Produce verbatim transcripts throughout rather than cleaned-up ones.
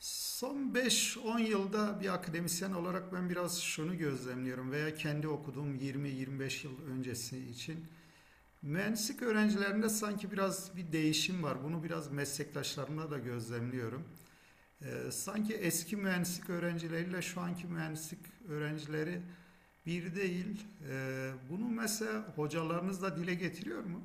Son beş on yılda bir akademisyen olarak ben biraz şunu gözlemliyorum veya kendi okuduğum yirmi yirmi beş yıl öncesi için mühendislik öğrencilerinde sanki biraz bir değişim var. Bunu biraz meslektaşlarımla da gözlemliyorum. Ee, sanki eski mühendislik öğrencileriyle şu anki mühendislik öğrencileri bir değil. Ee, bunu mesela hocalarınız da dile getiriyor mu?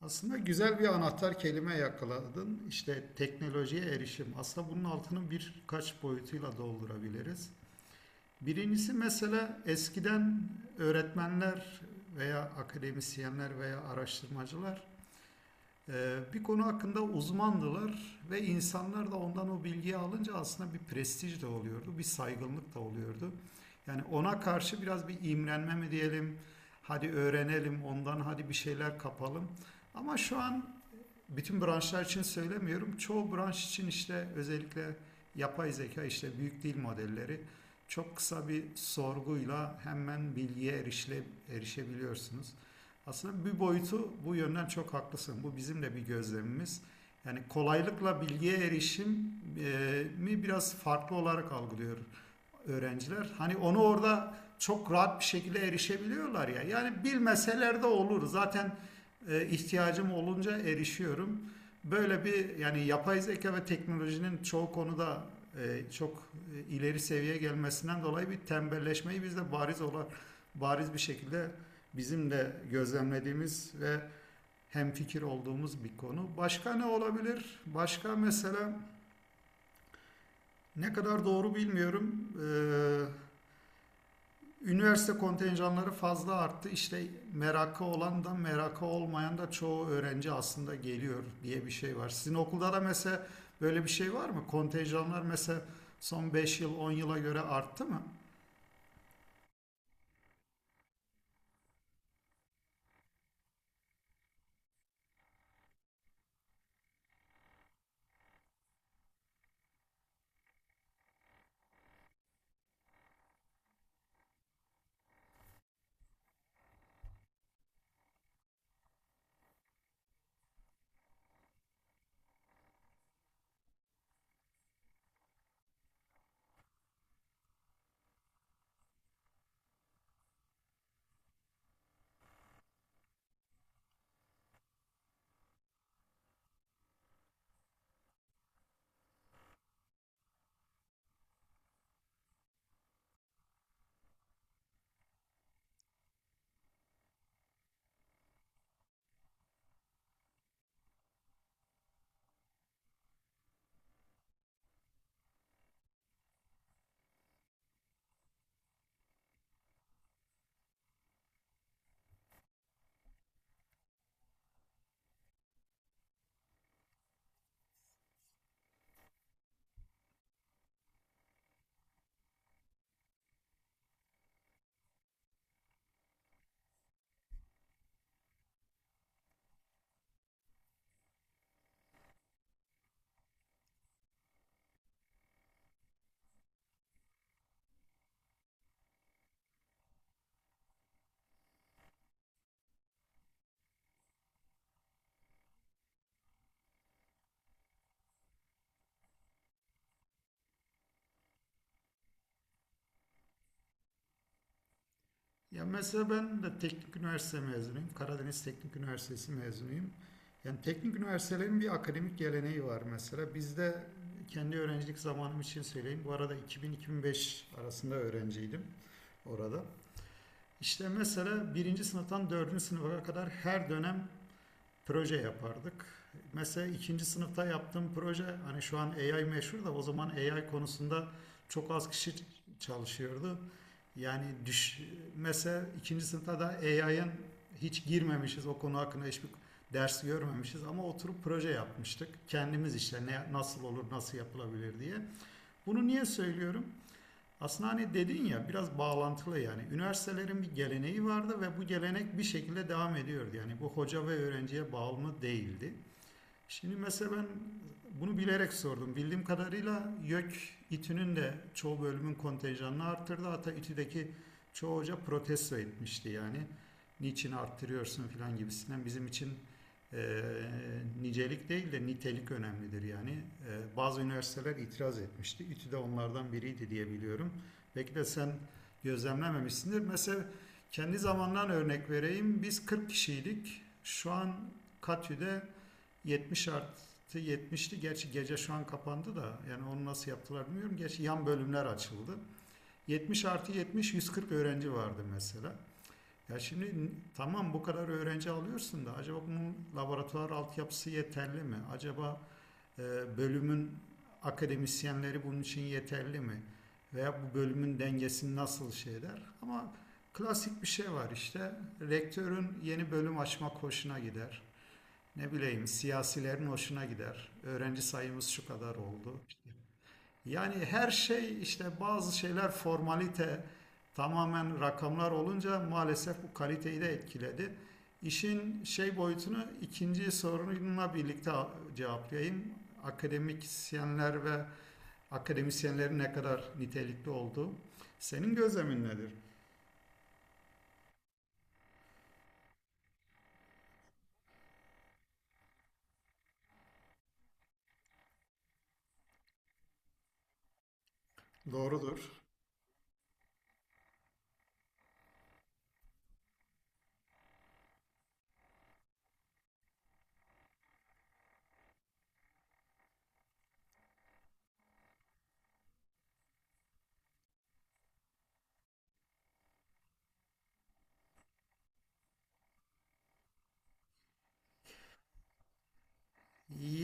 Aslında güzel bir anahtar kelime yakaladın. İşte teknolojiye erişim. Aslında bunun altını birkaç boyutuyla doldurabiliriz. Birincisi mesela eskiden öğretmenler veya akademisyenler veya araştırmacılar e, bir konu hakkında uzmandılar ve insanlar da ondan o bilgiyi alınca aslında bir prestij de oluyordu, bir saygınlık da oluyordu. Yani ona karşı biraz bir imrenme mi diyelim, hadi öğrenelim ondan, hadi bir şeyler kapalım. Ama şu an bütün branşlar için söylemiyorum. Çoğu branş için işte özellikle yapay zeka işte büyük dil modelleri çok kısa bir sorguyla hemen bilgiye erişle, erişebiliyorsunuz. Aslında bir boyutu bu yönden çok haklısın. Bu bizim de bir gözlemimiz. Yani kolaylıkla bilgiye erişim e, mi biraz farklı olarak algılıyor öğrenciler. Hani onu orada çok rahat bir şekilde erişebiliyorlar ya. Yani bilmeseler de olur. Zaten e, ihtiyacım olunca erişiyorum. Böyle bir yani yapay zeka ve teknolojinin çoğu konuda e, çok e, ileri seviyeye gelmesinden dolayı bir tembelleşmeyi biz de bariz olarak bariz bir şekilde bizim de gözlemlediğimiz ve hemfikir olduğumuz bir konu. Başka ne olabilir? Başka mesela ne kadar doğru bilmiyorum. Ee, Üniversite kontenjanları fazla arttı. İşte merakı olan da merakı olmayan da çoğu öğrenci aslında geliyor diye bir şey var. Sizin okulda da mesela böyle bir şey var mı? Kontenjanlar mesela son beş yıl on yıla göre arttı mı? Ya mesela ben de teknik üniversite mezunuyum. Karadeniz Teknik Üniversitesi mezunuyum. Yani teknik üniversitelerin bir akademik geleneği var mesela. Bizde kendi öğrencilik zamanım için söyleyeyim. Bu arada iki bin-iki bin beş arasında öğrenciydim orada. İşte mesela birinci sınıftan dördüncü sınıfa kadar her dönem proje yapardık. Mesela ikinci sınıfta yaptığım proje hani şu an A I meşhur da o zaman A I konusunda çok az kişi çalışıyordu. Yani düş, mesela ikinci sınıfta da A I'ın hiç girmemişiz, o konu hakkında hiçbir ders görmemişiz ama oturup proje yapmıştık. Kendimiz işte ne, nasıl olur, nasıl yapılabilir diye. Bunu niye söylüyorum? Aslında hani dedin ya biraz bağlantılı yani. Üniversitelerin bir geleneği vardı ve bu gelenek bir şekilde devam ediyordu. Yani bu hoca ve öğrenciye bağımlı değildi. Şimdi mesela ben bunu bilerek sordum. Bildiğim kadarıyla YÖK İTÜ'nün de çoğu bölümün kontenjanını arttırdı. Hatta İTÜ'deki çoğu hoca protesto etmişti yani. Niçin arttırıyorsun filan gibisinden bizim için e, nicelik değil de nitelik önemlidir yani. E, bazı üniversiteler itiraz etmişti. İTÜ de onlardan biriydi diye biliyorum. Belki de sen gözlemlememişsindir. Mesela kendi zamandan örnek vereyim. Biz kırk kişiydik. Şu an Katü'de yetmiş artı yetmişti. Gerçi gece şu an kapandı da yani onu nasıl yaptılar bilmiyorum. Gerçi yan bölümler açıldı. yetmiş artı yetmiş yüz kırk öğrenci vardı mesela. Ya şimdi tamam bu kadar öğrenci alıyorsun da acaba bunun laboratuvar altyapısı yeterli mi? Acaba e, bölümün akademisyenleri bunun için yeterli mi? Veya bu bölümün dengesini nasıl şey eder? Ama klasik bir şey var işte. Rektörün yeni bölüm açma hoşuna gider, ne bileyim siyasilerin hoşuna gider. Öğrenci sayımız şu kadar oldu. Yani her şey işte bazı şeyler formalite, tamamen rakamlar olunca maalesef bu kaliteyi de etkiledi. İşin şey boyutunu ikinci sorununla birlikte cevaplayayım. Akademisyenler ve akademisyenlerin ne kadar nitelikli olduğu. Senin gözlemin nedir? Doğrudur.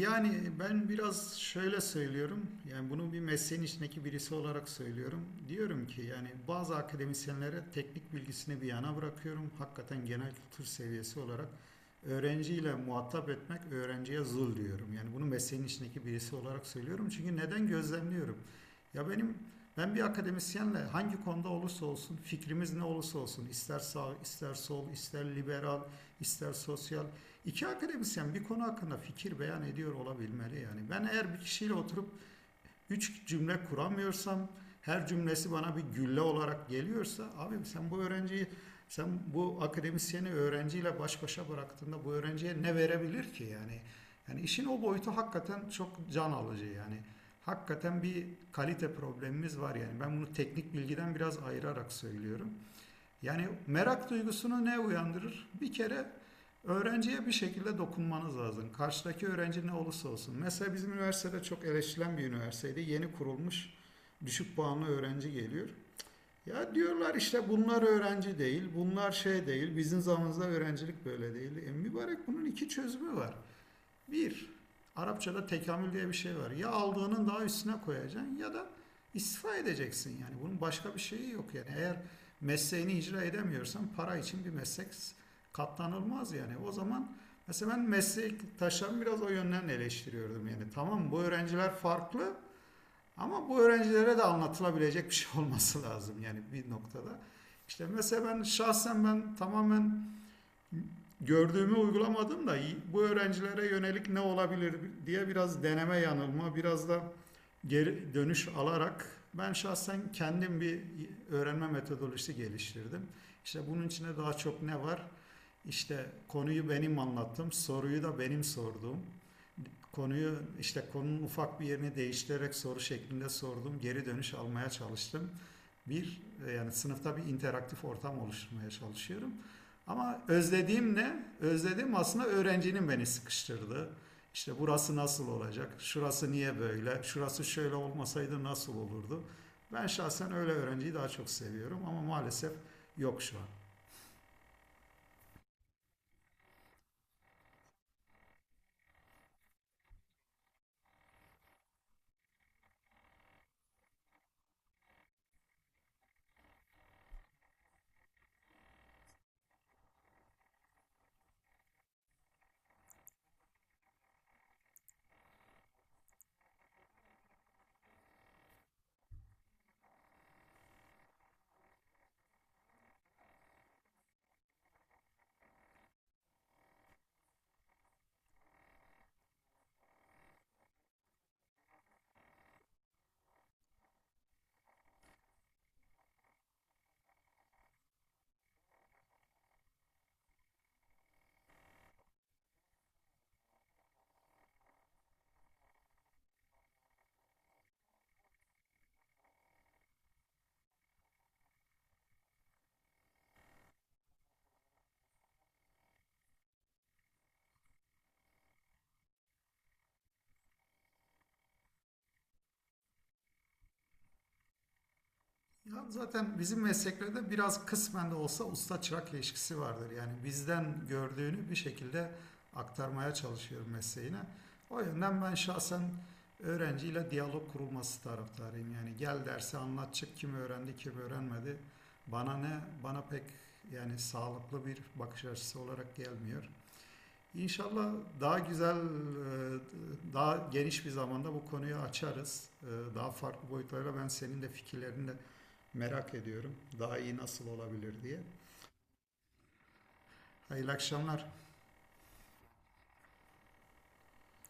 Yani ben biraz şöyle söylüyorum. Yani bunu bir mesleğin içindeki birisi olarak söylüyorum. Diyorum ki yani bazı akademisyenlere teknik bilgisini bir yana bırakıyorum. Hakikaten genel kültür seviyesi olarak öğrenciyle muhatap etmek öğrenciye zul diyorum. Yani bunu mesleğin içindeki birisi olarak söylüyorum. Çünkü neden gözlemliyorum? Ya benim ben bir akademisyenle hangi konuda olursa olsun, fikrimiz ne olursa olsun, ister sağ, ister sol, ister liberal, ister sosyal, İki akademisyen bir konu hakkında fikir beyan ediyor olabilmeli yani. Ben eğer bir kişiyle oturup üç cümle kuramıyorsam, her cümlesi bana bir gülle olarak geliyorsa, abim sen bu öğrenciyi, sen bu akademisyeni öğrenciyle baş başa bıraktığında bu öğrenciye ne verebilir ki yani? Yani işin o boyutu hakikaten çok can alıcı yani. Hakikaten bir kalite problemimiz var yani. Ben bunu teknik bilgiden biraz ayırarak söylüyorum. Yani merak duygusunu ne uyandırır? Bir kere öğrenciye bir şekilde dokunmanız lazım. Karşıdaki öğrenci ne olursa olsun. Mesela bizim üniversitede çok eleştirilen bir üniversiteydi. Yeni kurulmuş, düşük puanlı öğrenci geliyor. Ya diyorlar işte bunlar öğrenci değil, bunlar şey değil, bizim zamanımızda öğrencilik böyle değil. E mübarek, bunun iki çözümü var. Bir, Arapçada tekamül diye bir şey var. Ya aldığının daha üstüne koyacaksın ya da istifa edeceksin yani. Bunun başka bir şeyi yok yani. Eğer mesleğini icra edemiyorsan para için bir meslek katlanılmaz yani. O zaman mesela ben meslektaşlarımı biraz o yönden eleştiriyordum yani. Tamam, bu öğrenciler farklı ama bu öğrencilere de anlatılabilecek bir şey olması lazım yani bir noktada. İşte mesela ben şahsen ben tamamen gördüğümü uygulamadım da bu öğrencilere yönelik ne olabilir diye biraz deneme yanılma, biraz da geri dönüş alarak ben şahsen kendim bir öğrenme metodolojisi geliştirdim. İşte bunun içinde daha çok ne var? İşte konuyu benim anlattım, soruyu da benim sordum. Konuyu işte konunun ufak bir yerini değiştirerek soru şeklinde sordum, geri dönüş almaya çalıştım bir e, yani sınıfta bir interaktif ortam oluşturmaya çalışıyorum. Ama özlediğim ne? Özlediğim aslında öğrencinin beni sıkıştırdığı. İşte burası nasıl olacak? Şurası niye böyle? Şurası şöyle olmasaydı nasıl olurdu? Ben şahsen öyle öğrenciyi daha çok seviyorum ama maalesef yok şu an. Ya zaten bizim mesleklerde biraz kısmen de olsa usta çırak ilişkisi vardır. Yani bizden gördüğünü bir şekilde aktarmaya çalışıyorum mesleğine. O yönden ben şahsen öğrenciyle diyalog kurulması taraftarıyım. Yani gel derse anlat çık, kim öğrendi kim öğrenmedi, bana ne, bana pek yani sağlıklı bir bakış açısı olarak gelmiyor. İnşallah daha güzel, e, daha geniş bir zamanda bu konuyu açarız. E, Daha farklı boyutlarla ben senin de fikirlerini de merak ediyorum. Daha iyi nasıl olabilir diye. Hayırlı akşamlar.